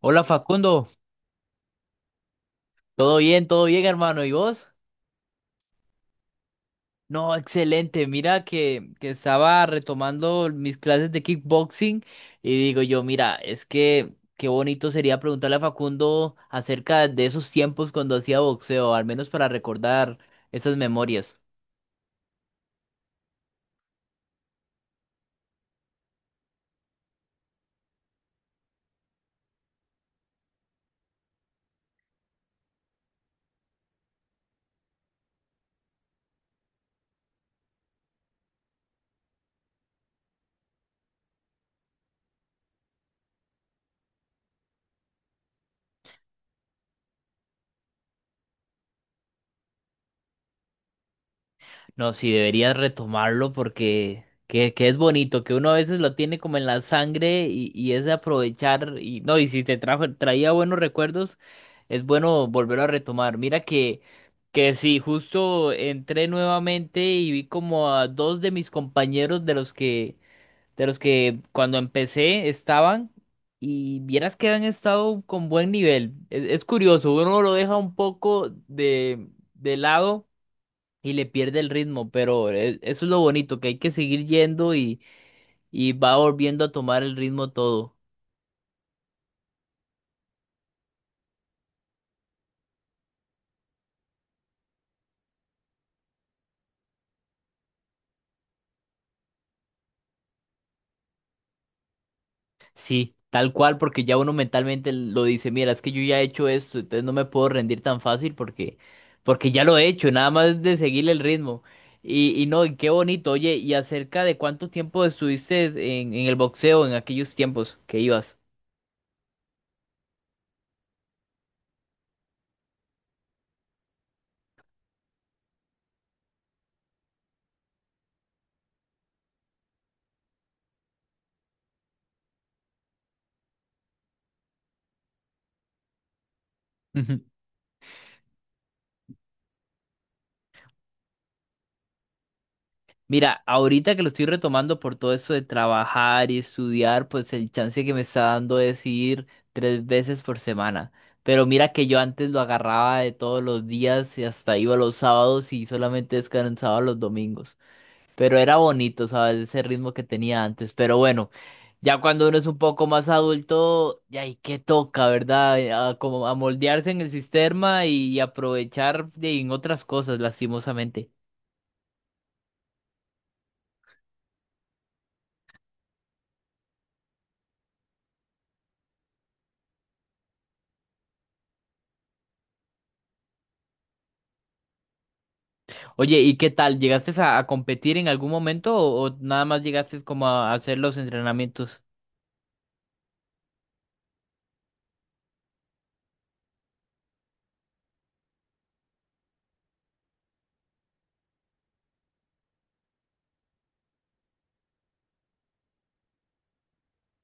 Hola Facundo, todo bien hermano, ¿y vos? No, excelente, mira que estaba retomando mis clases de kickboxing y digo yo, mira, es que qué bonito sería preguntarle a Facundo acerca de esos tiempos cuando hacía boxeo, al menos para recordar esas memorias. No, sí, deberías retomarlo porque que es bonito, que uno a veces lo tiene como en la sangre y es de aprovechar y no, y si te traía buenos recuerdos, es bueno volverlo a retomar. Mira que sí, justo entré nuevamente y vi como a dos de mis compañeros de los que cuando empecé estaban y vieras que han estado con buen nivel. Es curioso, uno lo deja un poco de lado y le pierde el ritmo, pero eso es lo bonito, que hay que seguir yendo y va volviendo a tomar el ritmo todo. Sí, tal cual, porque ya uno mentalmente lo dice, mira, es que yo ya he hecho esto, entonces no me puedo rendir tan fácil porque ya lo he hecho, nada más de seguir el ritmo. Y no, y qué bonito, oye, y acerca de cuánto tiempo estuviste en el boxeo en aquellos tiempos que ibas. Mira, ahorita que lo estoy retomando por todo eso de trabajar y estudiar, pues el chance que me está dando es ir 3 veces por semana. Pero mira que yo antes lo agarraba de todos los días y hasta iba los sábados y solamente descansaba los domingos. Pero era bonito, ¿sabes? Ese ritmo que tenía antes. Pero bueno, ya cuando uno es un poco más adulto, ya hay que toca, ¿verdad? Como a moldearse en el sistema y aprovechar en otras cosas, lastimosamente. Oye, ¿y qué tal? ¿Llegaste a competir en algún momento o nada más llegaste como a hacer los entrenamientos?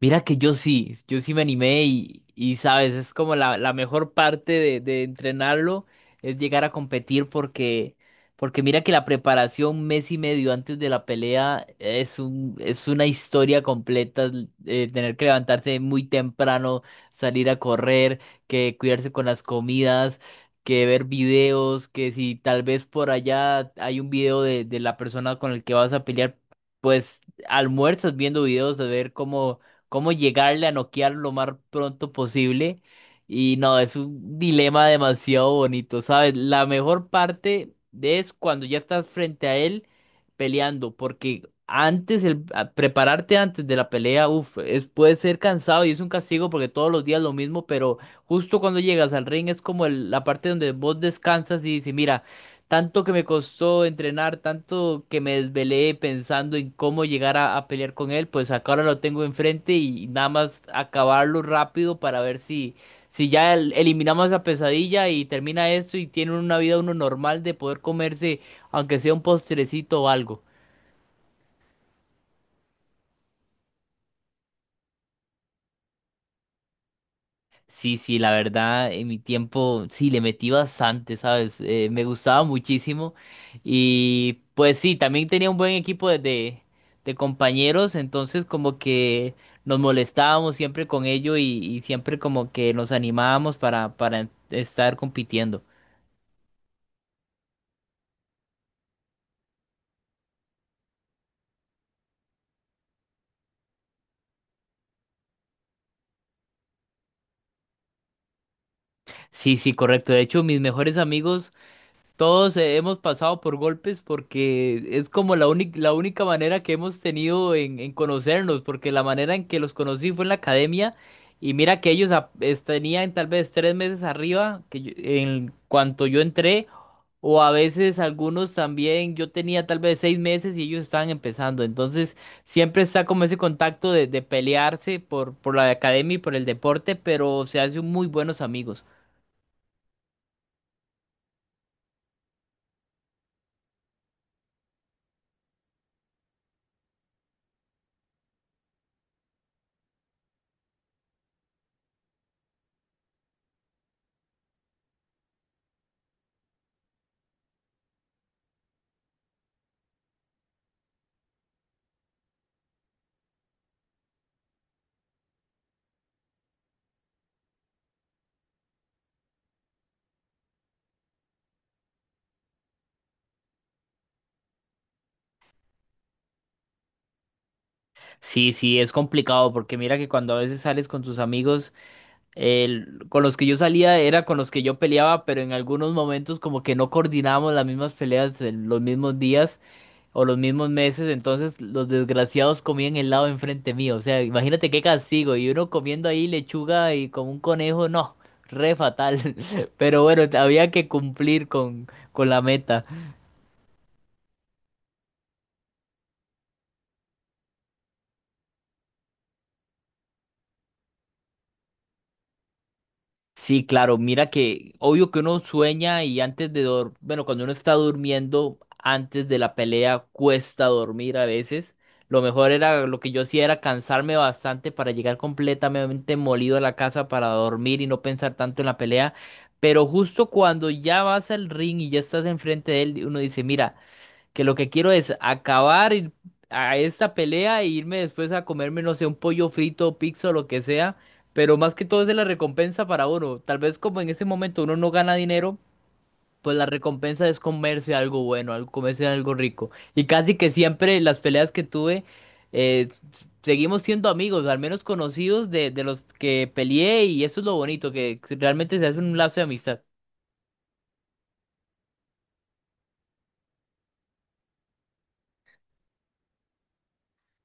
Mira que yo sí, yo sí me animé y sabes, es como la mejor parte de entrenarlo, es llegar a competir porque mira que la preparación mes y medio antes de la pelea es una historia completa, tener que levantarse muy temprano, salir a correr, que cuidarse con las comidas, que ver videos, que si tal vez por allá hay un video de la persona con el que vas a pelear, pues almuerzas viendo videos de ver cómo llegarle a noquear lo más pronto posible. Y no, es un dilema demasiado bonito, ¿sabes? La mejor parte es cuando ya estás frente a él peleando, porque antes, prepararte antes de la pelea, uf, puede ser cansado y es un castigo porque todos los días lo mismo, pero justo cuando llegas al ring es como la parte donde vos descansas y dices, mira, tanto que me costó entrenar, tanto que me desvelé pensando en cómo llegar a pelear con él, pues acá ahora lo tengo enfrente y nada más acabarlo rápido para ver si ya eliminamos la pesadilla y termina esto y tiene una vida uno normal de poder comerse, aunque sea un postrecito o algo. Sí, sí, la verdad, en mi tiempo sí le metí bastante, ¿sabes? Me gustaba muchísimo. Y pues sí, también tenía un buen equipo de compañeros, entonces como que nos molestábamos siempre con ello y siempre como que nos animábamos para estar compitiendo. Sí, sí, correcto. De hecho, mis mejores amigos. Todos hemos pasado por golpes porque es como la única manera que hemos tenido en conocernos, porque la manera en que los conocí fue en la academia y mira que ellos tenían tal vez 3 meses arriba que en cuanto yo entré, o a veces algunos también, yo tenía tal vez 6 meses y ellos estaban empezando, entonces siempre está como ese contacto de pelearse por la academia y por el deporte, pero se hacen muy buenos amigos. Sí, sí, es complicado porque mira que cuando a veces sales con tus amigos, con los que yo salía era con los que yo peleaba, pero en algunos momentos como que no coordinábamos las mismas peleas en los mismos días o los mismos meses, entonces los desgraciados comían helado enfrente mío, o sea, imagínate qué castigo, y uno comiendo ahí lechuga y como un conejo, no, re fatal, pero bueno, había que cumplir con la meta. Sí, claro, mira que obvio que uno sueña y antes de dormir, bueno, cuando uno está durmiendo, antes de la pelea cuesta dormir a veces. Lo que yo hacía era cansarme bastante para llegar completamente molido a la casa para dormir y no pensar tanto en la pelea. Pero justo cuando ya vas al ring y ya estás enfrente de él, uno dice, mira, que lo que quiero es acabar a esta pelea e irme después a comerme, no sé, un pollo frito, pizza o lo que sea, pero más que todo es de la recompensa para uno. Tal vez como en ese momento uno no gana dinero, pues la recompensa es comerse algo bueno, comerse algo rico. Y casi que siempre las peleas que tuve, seguimos siendo amigos, al menos conocidos de los que peleé y eso es lo bonito, que realmente se hace un lazo de amistad.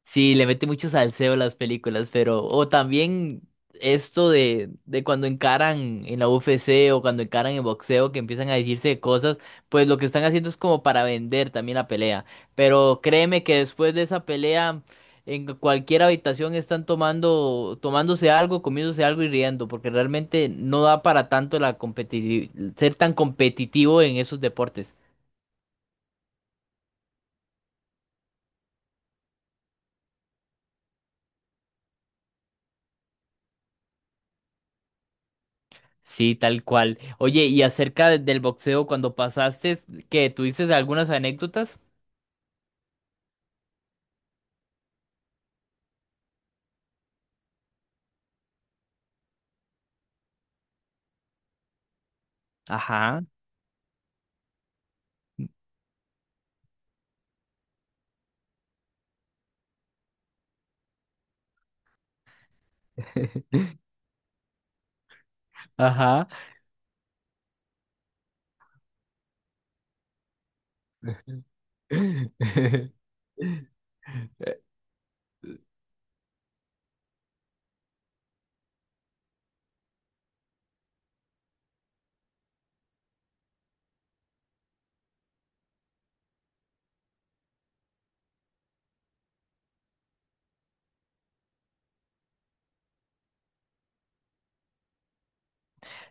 Sí, le mete mucho salseo a las películas, pero. O también esto de cuando encaran en la UFC o cuando encaran en boxeo, que empiezan a decirse cosas, pues lo que están haciendo es como para vender también la pelea. Pero créeme que después de esa pelea, en cualquier habitación están tomándose algo, comiéndose algo y riendo, porque realmente no da para tanto la competitividad, ser tan competitivo en esos deportes. Sí, tal cual. Oye, y acerca del boxeo, cuando pasaste, ¿qué? ¿Tuviste algunas anécdotas? Ajá, ajá.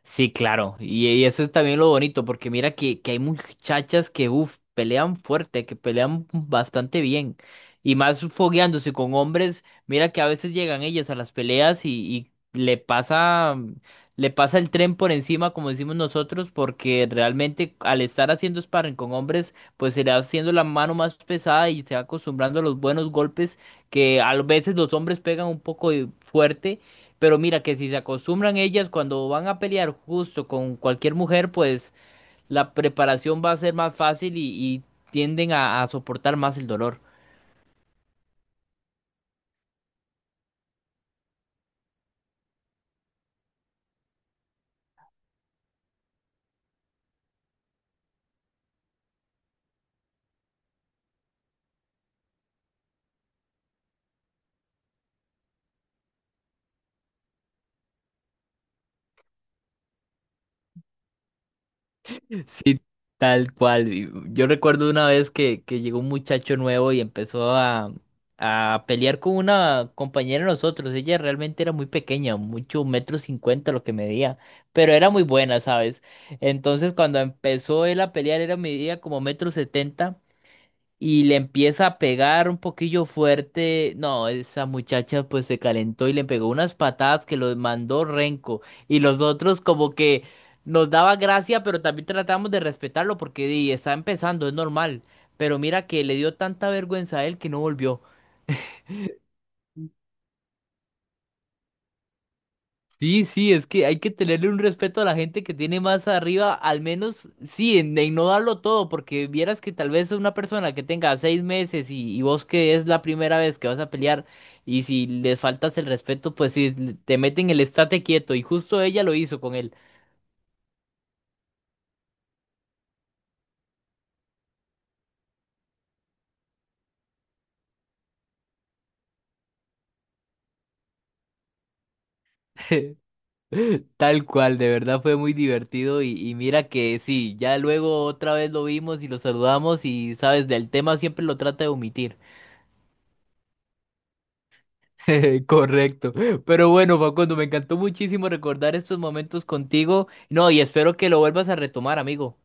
Sí, claro. Y eso es también lo bonito, porque mira que hay muchachas que, uff, pelean fuerte, que pelean bastante bien. Y más fogueándose con hombres, mira que a veces llegan ellas a las peleas y le pasa el tren por encima, como decimos nosotros, porque realmente al estar haciendo sparring con hombres, pues se le va haciendo la mano más pesada y se va acostumbrando a los buenos golpes que a veces los hombres pegan un poco fuerte. Pero mira que si se acostumbran ellas cuando van a pelear justo con cualquier mujer, pues la preparación va a ser más fácil y tienden a soportar más el dolor. Sí, tal cual. Y yo recuerdo una vez que llegó un muchacho nuevo y empezó a pelear con una compañera de nosotros. Ella realmente era muy pequeña, mucho metro cincuenta lo que medía, pero era muy buena, ¿sabes? Entonces cuando empezó él a pelear, era medía como metro setenta, y le empieza a pegar un poquillo fuerte. No, esa muchacha pues se calentó y le pegó unas patadas que los mandó renco. Y los otros como que nos daba gracia, pero también tratamos de respetarlo porque di, está empezando, es normal. Pero mira que le dio tanta vergüenza a él que no volvió. Sí, sí, es que hay que tenerle un respeto a la gente que tiene más arriba, al menos, sí, en no darlo todo, porque vieras que tal vez una persona que tenga 6 meses y vos que es la primera vez que vas a pelear, y si les faltas el respeto, pues sí, te meten el estate quieto, y justo ella lo hizo con él. Tal cual, de verdad fue muy divertido y mira que sí, ya luego otra vez lo vimos y lo saludamos y sabes, del tema siempre lo trata de omitir. Correcto. Pero bueno, Facundo, me encantó muchísimo recordar estos momentos contigo. No, y espero que lo vuelvas a retomar, amigo.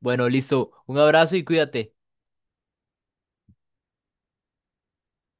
Bueno, listo. Un abrazo y cuídate.